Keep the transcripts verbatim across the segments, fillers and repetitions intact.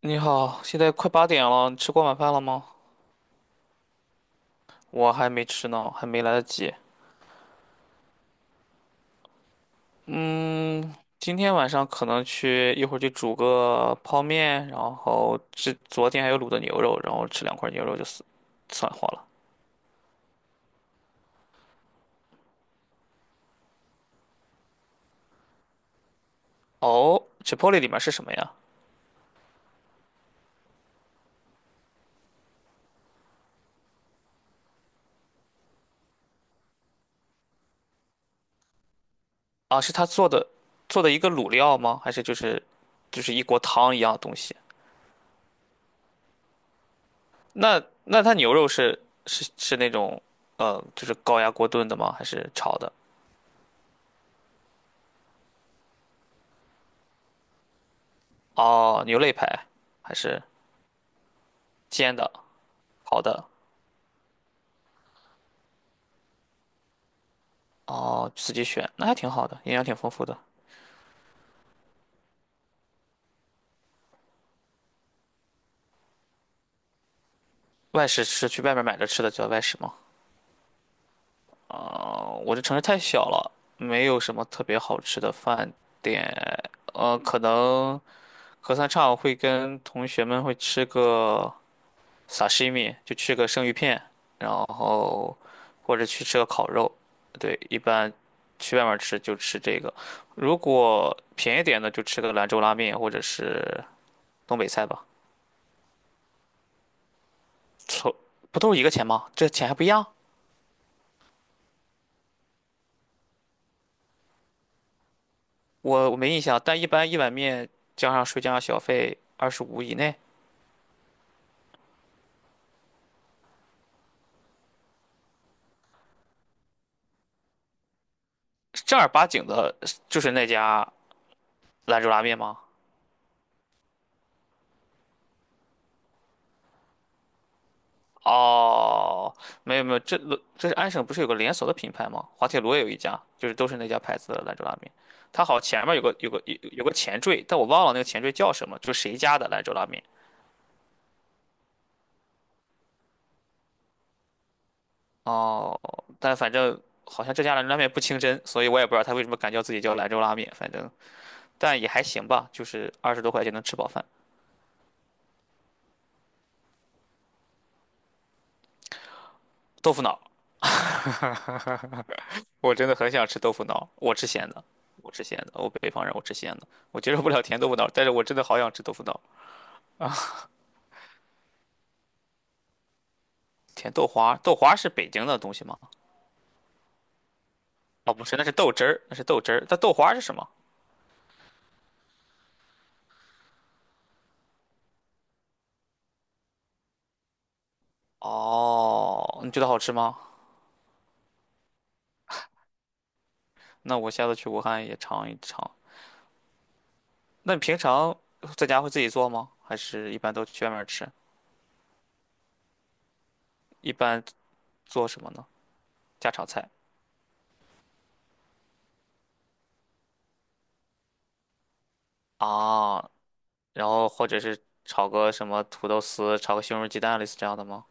你好，现在快八点了，你吃过晚饭了吗？我还没吃呢，还没来得及。今天晚上可能去一会儿去煮个泡面，然后吃昨天还有卤的牛肉，然后吃两块牛肉就算算化了。哦，Chipotle 里面是什么呀？啊，是他做的做的一个卤料吗？还是就是就是一锅汤一样的东西？那那他牛肉是是是那种呃就是高压锅炖的吗？还是炒的？哦，牛肋排还是煎的、烤的？哦，自己选，那还挺好的，营养挺丰富的。外食是去外面买着吃的，叫外食吗？啊、我这城市太小了，没有什么特别好吃的饭店。呃，可能隔三差五会跟同学们会吃个 sashimi,就吃个生鱼片，然后或者去吃个烤肉。对，一般去外面吃就吃这个，如果便宜点的就吃个兰州拉面或者是东北菜吧。臭，不都是一个钱吗？这钱还不一样？我我没印象，但一般一碗面加上税加上小费二十五以内，正儿八经的，就是那家兰州拉面吗？哦，没有没有，这这是安省不是有个连锁的品牌吗？滑铁卢也有一家，就是都是那家牌子的兰州拉面。它好前面有个有个有有个前缀，但我忘了那个前缀叫什么，就是谁家的兰州拉面。哦，但反正好像这家兰州拉面不清真，所以我也不知道他为什么敢叫自己叫兰州拉面，反正但也还行吧，就是二十多块钱能吃饱饭，豆腐脑。我真的很想吃豆腐脑，我吃咸的，我吃咸的，我北方人，我吃咸的，我接受不了甜豆腐脑，但是我真的好想吃豆腐脑。甜豆花，豆花是北京的东西吗？哦，不是，那是豆汁儿，那是豆汁儿。但豆花是什么？哦，你觉得好吃吗？那我下次去武汉也尝一尝。那你平常在家会自己做吗？还是一般都去外面吃？一般做什么呢？家常菜啊，然后或者是炒个什么土豆丝，炒个西红柿鸡蛋，类似这样的吗？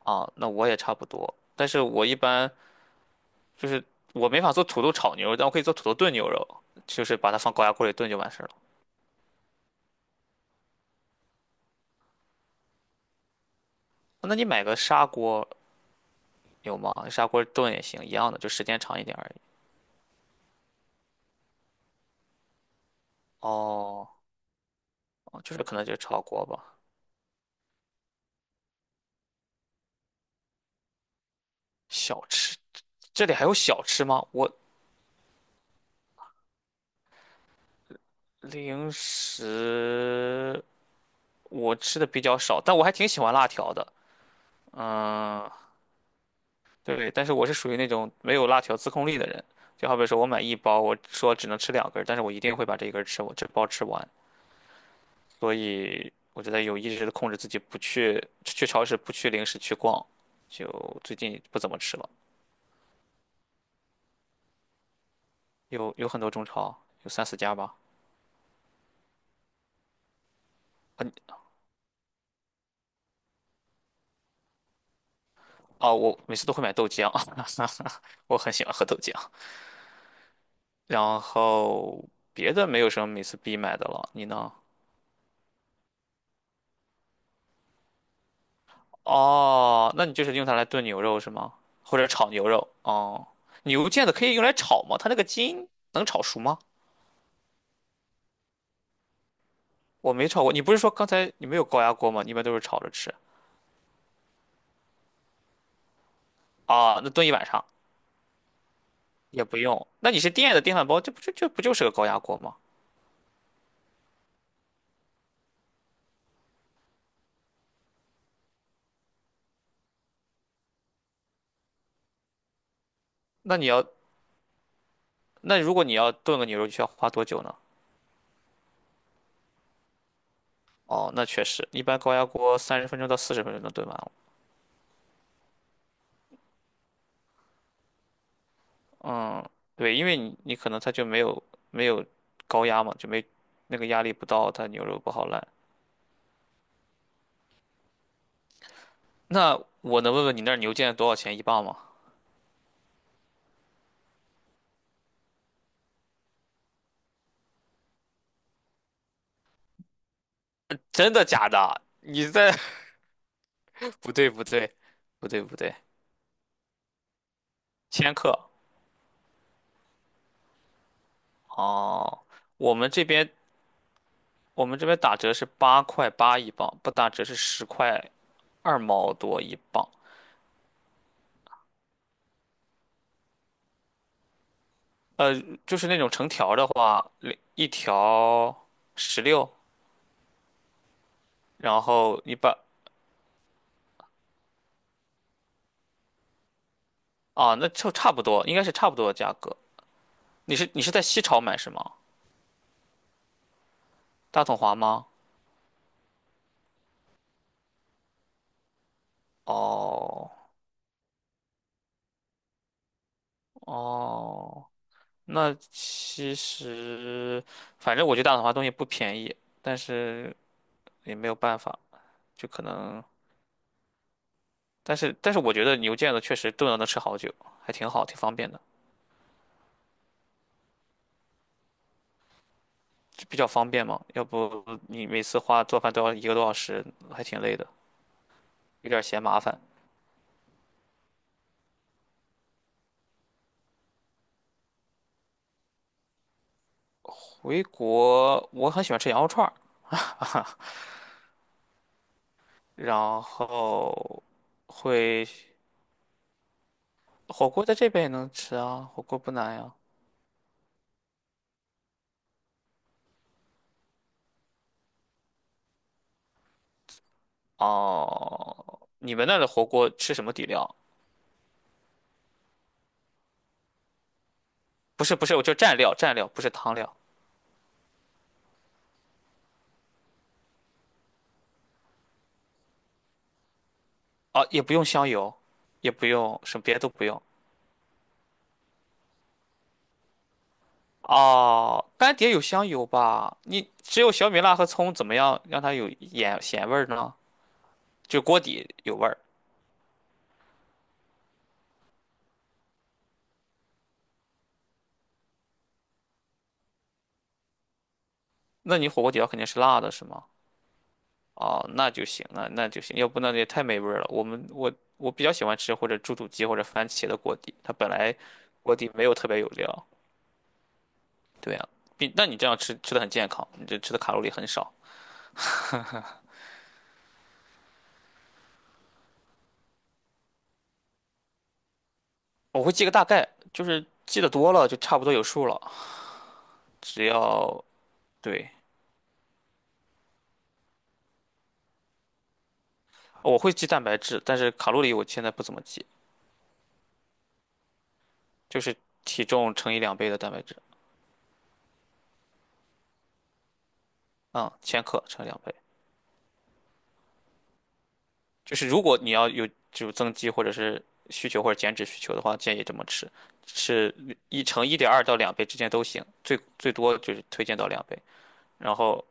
啊，那我也差不多，但是我一般就是我没法做土豆炒牛肉，但我可以做土豆炖牛肉，就是把它放高压锅里炖就完事儿了。那你买个砂锅有吗？砂锅炖也行，一样的，就时间长一点而已。哦，哦就是可能就是炒锅吧。小吃，这里还有小吃吗？我零食我吃的比较少，但我还挺喜欢辣条的。嗯，对，但是我是属于那种没有辣条自控力的人，就好比说我买一包，我说只能吃两根儿，但是我一定会把这一根儿吃，我这包吃完。所以我觉得有意识的控制自己，不去去超市，不去零食去逛，就最近不怎么吃了。有有很多中超，有三四家吧。嗯，哦，我每次都会买豆浆，我很喜欢喝豆浆。然后别的没有什么每次必买的了，你呢？哦，那你就是用它来炖牛肉是吗？或者炒牛肉？哦，牛腱子可以用来炒吗？它那个筋能炒熟吗？我没炒过。你不是说刚才你没有高压锅吗？你一般都是炒着吃啊？那炖一晚上也不用。那你是电的电饭煲，这不就这不就是个高压锅吗？那你要那如果你要炖个牛肉，需要花多久呢？哦，那确实，一般高压锅三十分钟到四十分钟能炖完了。嗯，对，因为你你可能它就没有没有高压嘛，就没那个压力不到，它牛肉不好烂。那我能问问你那儿牛腱多少钱一磅吗？真的假的？你在？不对不对不对不对，千克哦。我们这边我们这边打折是八块八一磅，不打折是十块二毛多一磅。呃，就是那种成条的话，两一条十六，然后一把啊，那就差不多，应该是差不多的价格。你是你是在西潮买是吗？大统华吗？哦哦。那其实，反正我觉得大统华东西不便宜，但是也没有办法，就可能，但是但是我觉得牛腱子确实炖了能吃好久，还挺好，挺方便的，就比较方便嘛。要不你每次花做饭都要一个多小时，还挺累的，有点嫌麻烦。回国我很喜欢吃羊肉串儿，然后会火锅在这边也能吃啊，火锅不难呀。哦，你们那儿的火锅吃什么底料？不是不是，我就蘸料蘸料，不是汤料啊，也不用香油，也不用什么别的都不用。哦，干碟有香油吧？你只有小米辣和葱，怎么样让它有盐咸味儿呢？就锅底有味儿。那你火锅底料肯定是辣的，是吗？哦，那就行，那那就行，要不那也太没味儿了。我们我我比较喜欢吃或者猪肚鸡或者番茄的锅底，它本来锅底没有特别有料。对啊，比那你这样吃吃的很健康，你这吃的卡路里很少。我会记个大概，就是记得多了就差不多有数了。只要对，我会记蛋白质，但是卡路里我现在不怎么记，就是体重乘以两倍的蛋白质，嗯，千克乘以两倍。就是如果你要有就增肌或者是需求或者减脂需求的话，建议这么吃，是一乘一点二到两倍之间都行，最最多就是推荐到两倍。然后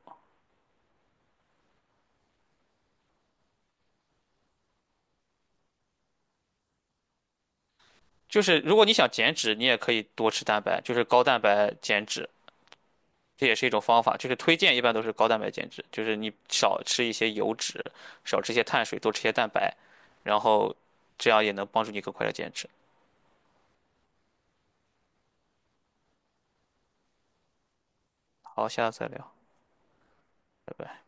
就是如果你想减脂，你也可以多吃蛋白，就是高蛋白减脂。这也是一种方法，就是推荐一般都是高蛋白减脂，就是你少吃一些油脂，少吃一些碳水，多吃一些蛋白，然后这样也能帮助你更快的减脂。好，下次再聊，拜拜。